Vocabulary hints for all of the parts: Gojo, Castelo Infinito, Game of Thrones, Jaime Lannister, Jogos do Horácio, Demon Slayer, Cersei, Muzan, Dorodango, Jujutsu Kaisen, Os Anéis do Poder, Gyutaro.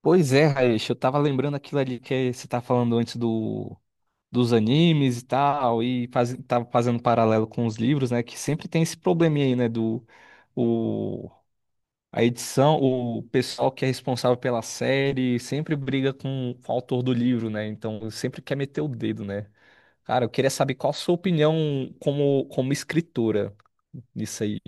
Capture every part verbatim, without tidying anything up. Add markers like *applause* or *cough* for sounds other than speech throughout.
Pois é, Raish, eu tava lembrando aquilo ali que você tá falando antes do, dos animes e tal, e faz, tava fazendo paralelo com os livros, né? Que sempre tem esse probleminha aí, né? Do o, a edição, o pessoal que é responsável pela série sempre briga com o autor do livro, né? Então sempre quer meter o dedo, né? Cara, eu queria saber qual a sua opinião como, como escritora nisso aí.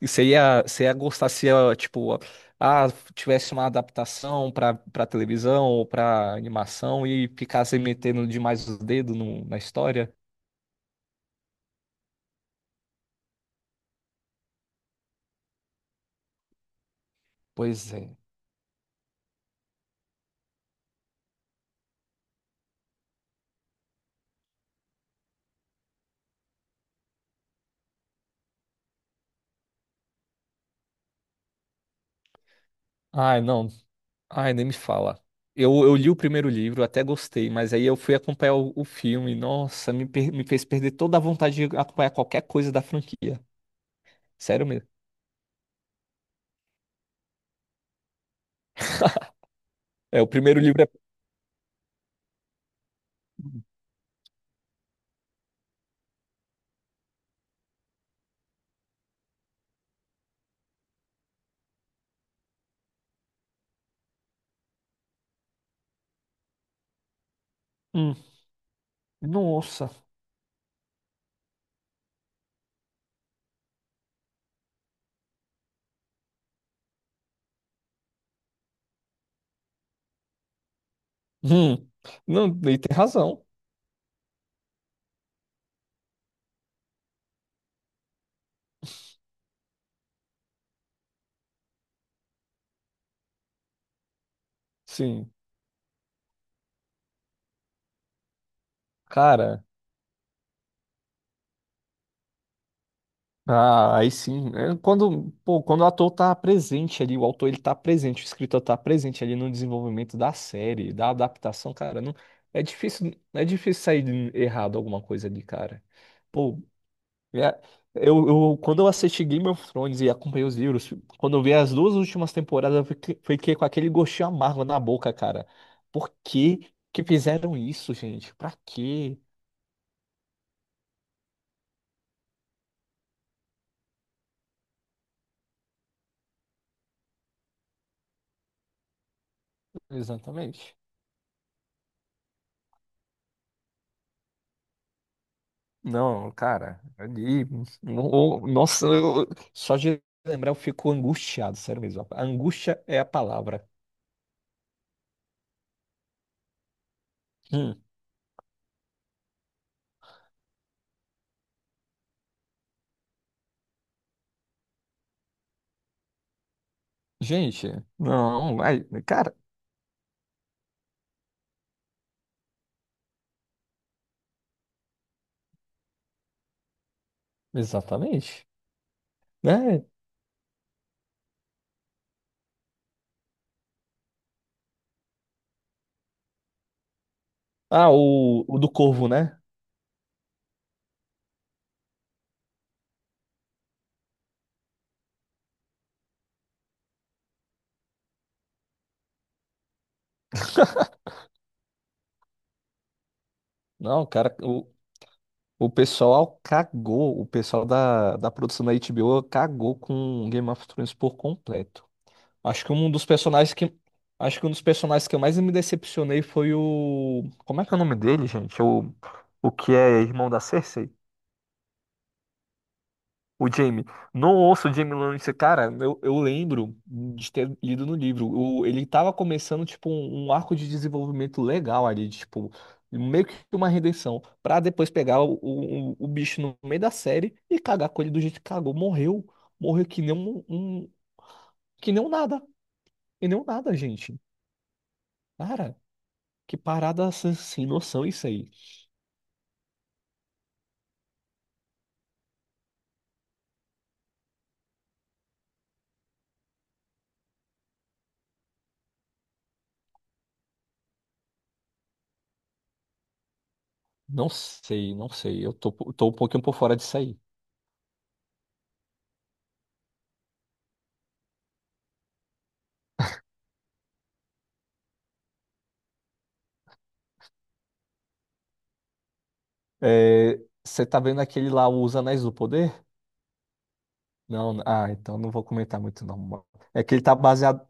Você ia, você ia gostar se, ó, tipo, ah, tivesse uma adaptação pra, pra televisão ou pra animação e ficasse metendo demais os dedos no- na história? Pois é. Ai, não. Ai, nem me fala. Eu, eu li o primeiro livro, até gostei, mas aí eu fui acompanhar o, o filme. Nossa, me, per- me fez perder toda a vontade de acompanhar qualquer coisa da franquia. Sério mesmo. É, o primeiro livro é. Hum, nossa. Hum. Não, e tem razão. Sim. Cara. Ah, aí sim. É, quando, pô, quando o ator tá presente ali, o autor ele tá presente, o escritor tá presente ali no desenvolvimento da série, da adaptação, cara, não, é difícil, é difícil sair errado alguma coisa ali, cara. Pô, é- eu, eu- quando eu assisti Game of Thrones e acompanhei os livros, quando eu vi as duas últimas temporadas, eu fiquei, fiquei com aquele gostinho amargo na boca, cara. Por que que fizeram isso, gente? Pra quê? Exatamente. Não, cara, ali, no- nossa, eu- só de lembrar eu fico angustiado, sério mesmo. A angústia é a palavra. Hum, gente, não, vai, cara, exatamente, né? Ah, o, o do Corvo, né? Não, cara, o, o pessoal cagou, o pessoal da, da produção da H B O cagou com Game of Thrones por completo. Acho que um dos personagens que. Acho que um dos personagens que eu mais me decepcionei foi o. Como é que é o nome dele, gente? O, o que é irmão da Cersei? O Jaime. Não ouço o Jaime Lannister. Cara, eu, eu lembro de ter lido no livro. O, ele tava começando, tipo, um, um arco de desenvolvimento legal ali, tipo, meio que uma redenção. Pra depois pegar o, o, o bicho no meio da série e cagar com ele do jeito que cagou. Morreu. Morreu que nem um, um- que nem um nada. Que nem um nada, gente. Cara. Que parada sem sem noção isso aí. Não sei, não sei. Eu tô, tô um pouquinho por fora disso aí. É, você tá vendo aquele lá, o Os Anéis do Poder? Não, ah, então não vou comentar muito não. É que ele tá baseado.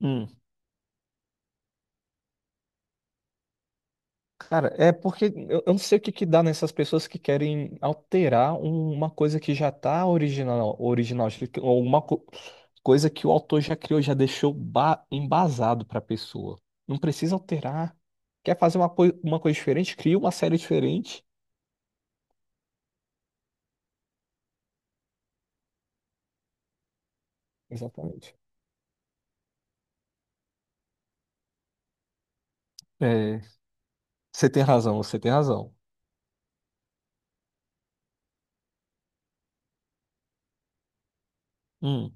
Hum. Cara, é porque eu, eu não sei o que que dá nessas pessoas que querem alterar um- uma coisa que já tá original, original, acho que- ou uma co- coisa que o autor já criou, já deixou ba- embasado pra pessoa. Não precisa alterar. Quer fazer uma, coi- uma coisa diferente? Cria uma série diferente. Exatamente. É, você tem razão, você tem razão. Hum,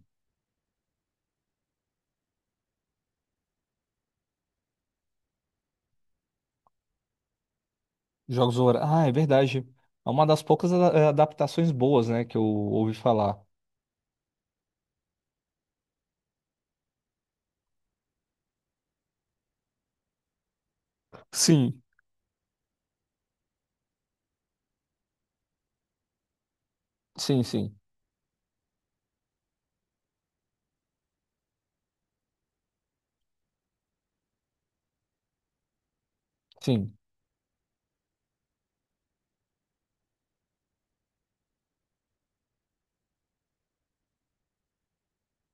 Jogos do Horácio. Ah, é verdade. É uma das poucas a- é, adaptações boas, né, que eu ouvi falar. Sim, sim, sim, sim,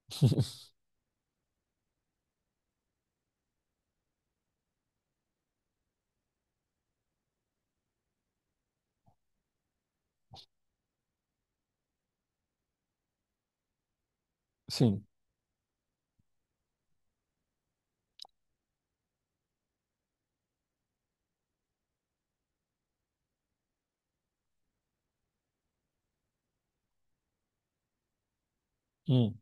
*laughs* sim. Hum,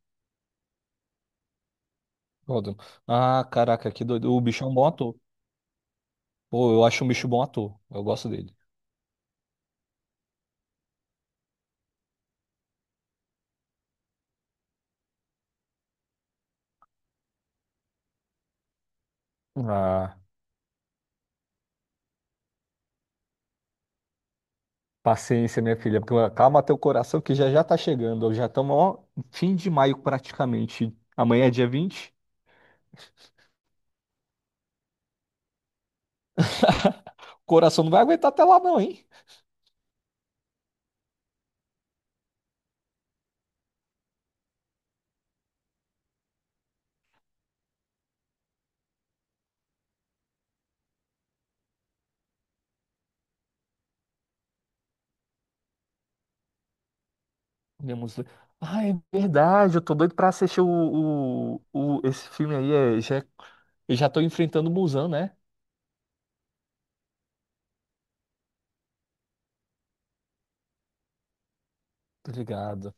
Gordon. Ah, caraca, que doido. O bicho é um bom ator. Pô, eu acho um bicho bom ator. Eu gosto dele. Ah, paciência, minha filha. porque- Calma teu coração que já já tá chegando. Já estamos, ó, fim de maio praticamente. Amanhã é dia vinte. O coração não vai aguentar até lá, não, hein? Minha música. Ah, é verdade, eu tô doido pra assistir o, o, o- esse filme aí. É, já, eu já tô enfrentando o Muzan, né? Tô ligado.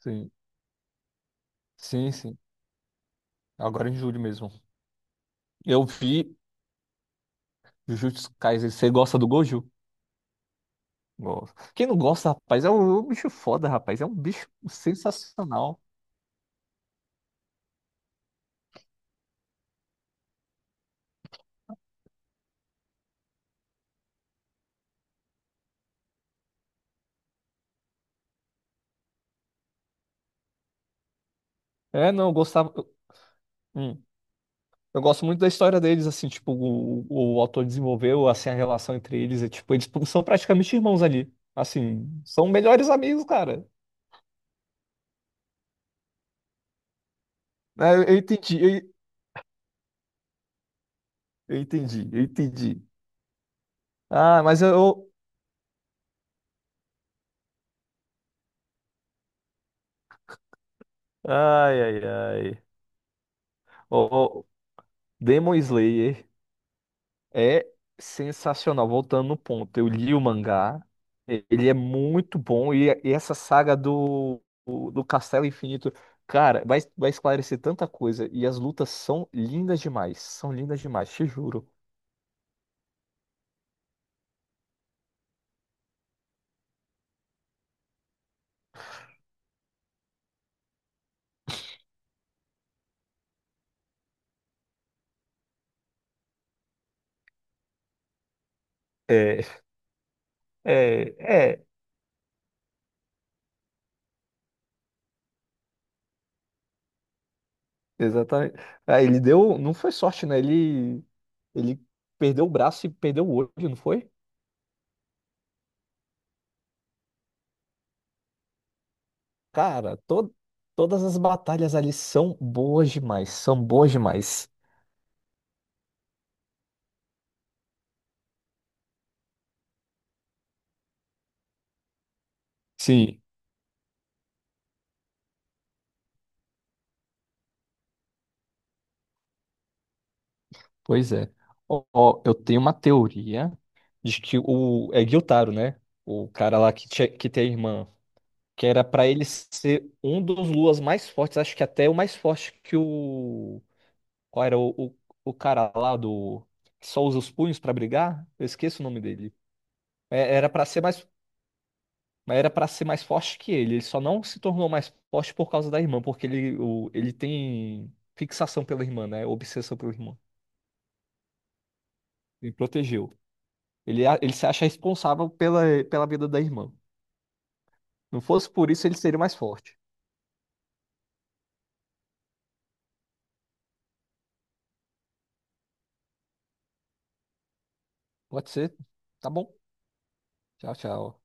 Sim, sim, sim. Agora em julho mesmo. Eu vi Jujutsu Kaisen. Você gosta do Gojo? Gosto. Quem não gosta, rapaz, é um, é um bicho foda, rapaz. É um bicho sensacional. É, não, eu gostava. Eu, hum. Eu gosto muito da história deles, assim, tipo, o, o autor desenvolveu, assim, a relação entre eles. É, tipo, eles são praticamente irmãos ali. Assim, são melhores amigos, cara. Ah, eu eu entendi, eu, eu entendi, eu entendi. Ah, mas eu. Ai, ai, ai. Oh, Demon Slayer é sensacional. Voltando no ponto, eu li o mangá, e- ele é muito bom. E, e essa saga do, o- do Castelo Infinito, cara, vai, vai esclarecer tanta coisa. E as lutas são lindas demais, são lindas demais, te juro. É, é, é. Exatamente. Ah, ele deu. Não foi sorte, né? Ele, ele perdeu o braço e perdeu o olho, não foi? Cara, to... todas as batalhas ali são boas demais. São boas demais. Sim. Pois é. Ó, ó, eu tenho uma teoria de que o. É Gyutaro, né? O cara lá que, tinha... que tem a irmã. Que era pra ele ser um dos Luas mais fortes. Acho que até o mais forte que o. Qual era o, o... o cara lá do. Que só usa os punhos pra brigar? Eu esqueço o nome dele. É, Era pra ser mais, era para ser mais forte que ele. Ele só não se tornou mais forte por causa da irmã, porque ele, o, ele tem fixação pela irmã, né? Obsessão pela irmã. Ele protegeu. Ele, a- ele se acha responsável pela, pela vida da irmã. Não fosse por isso, ele seria mais forte. Pode ser? Tá bom. Tchau, tchau.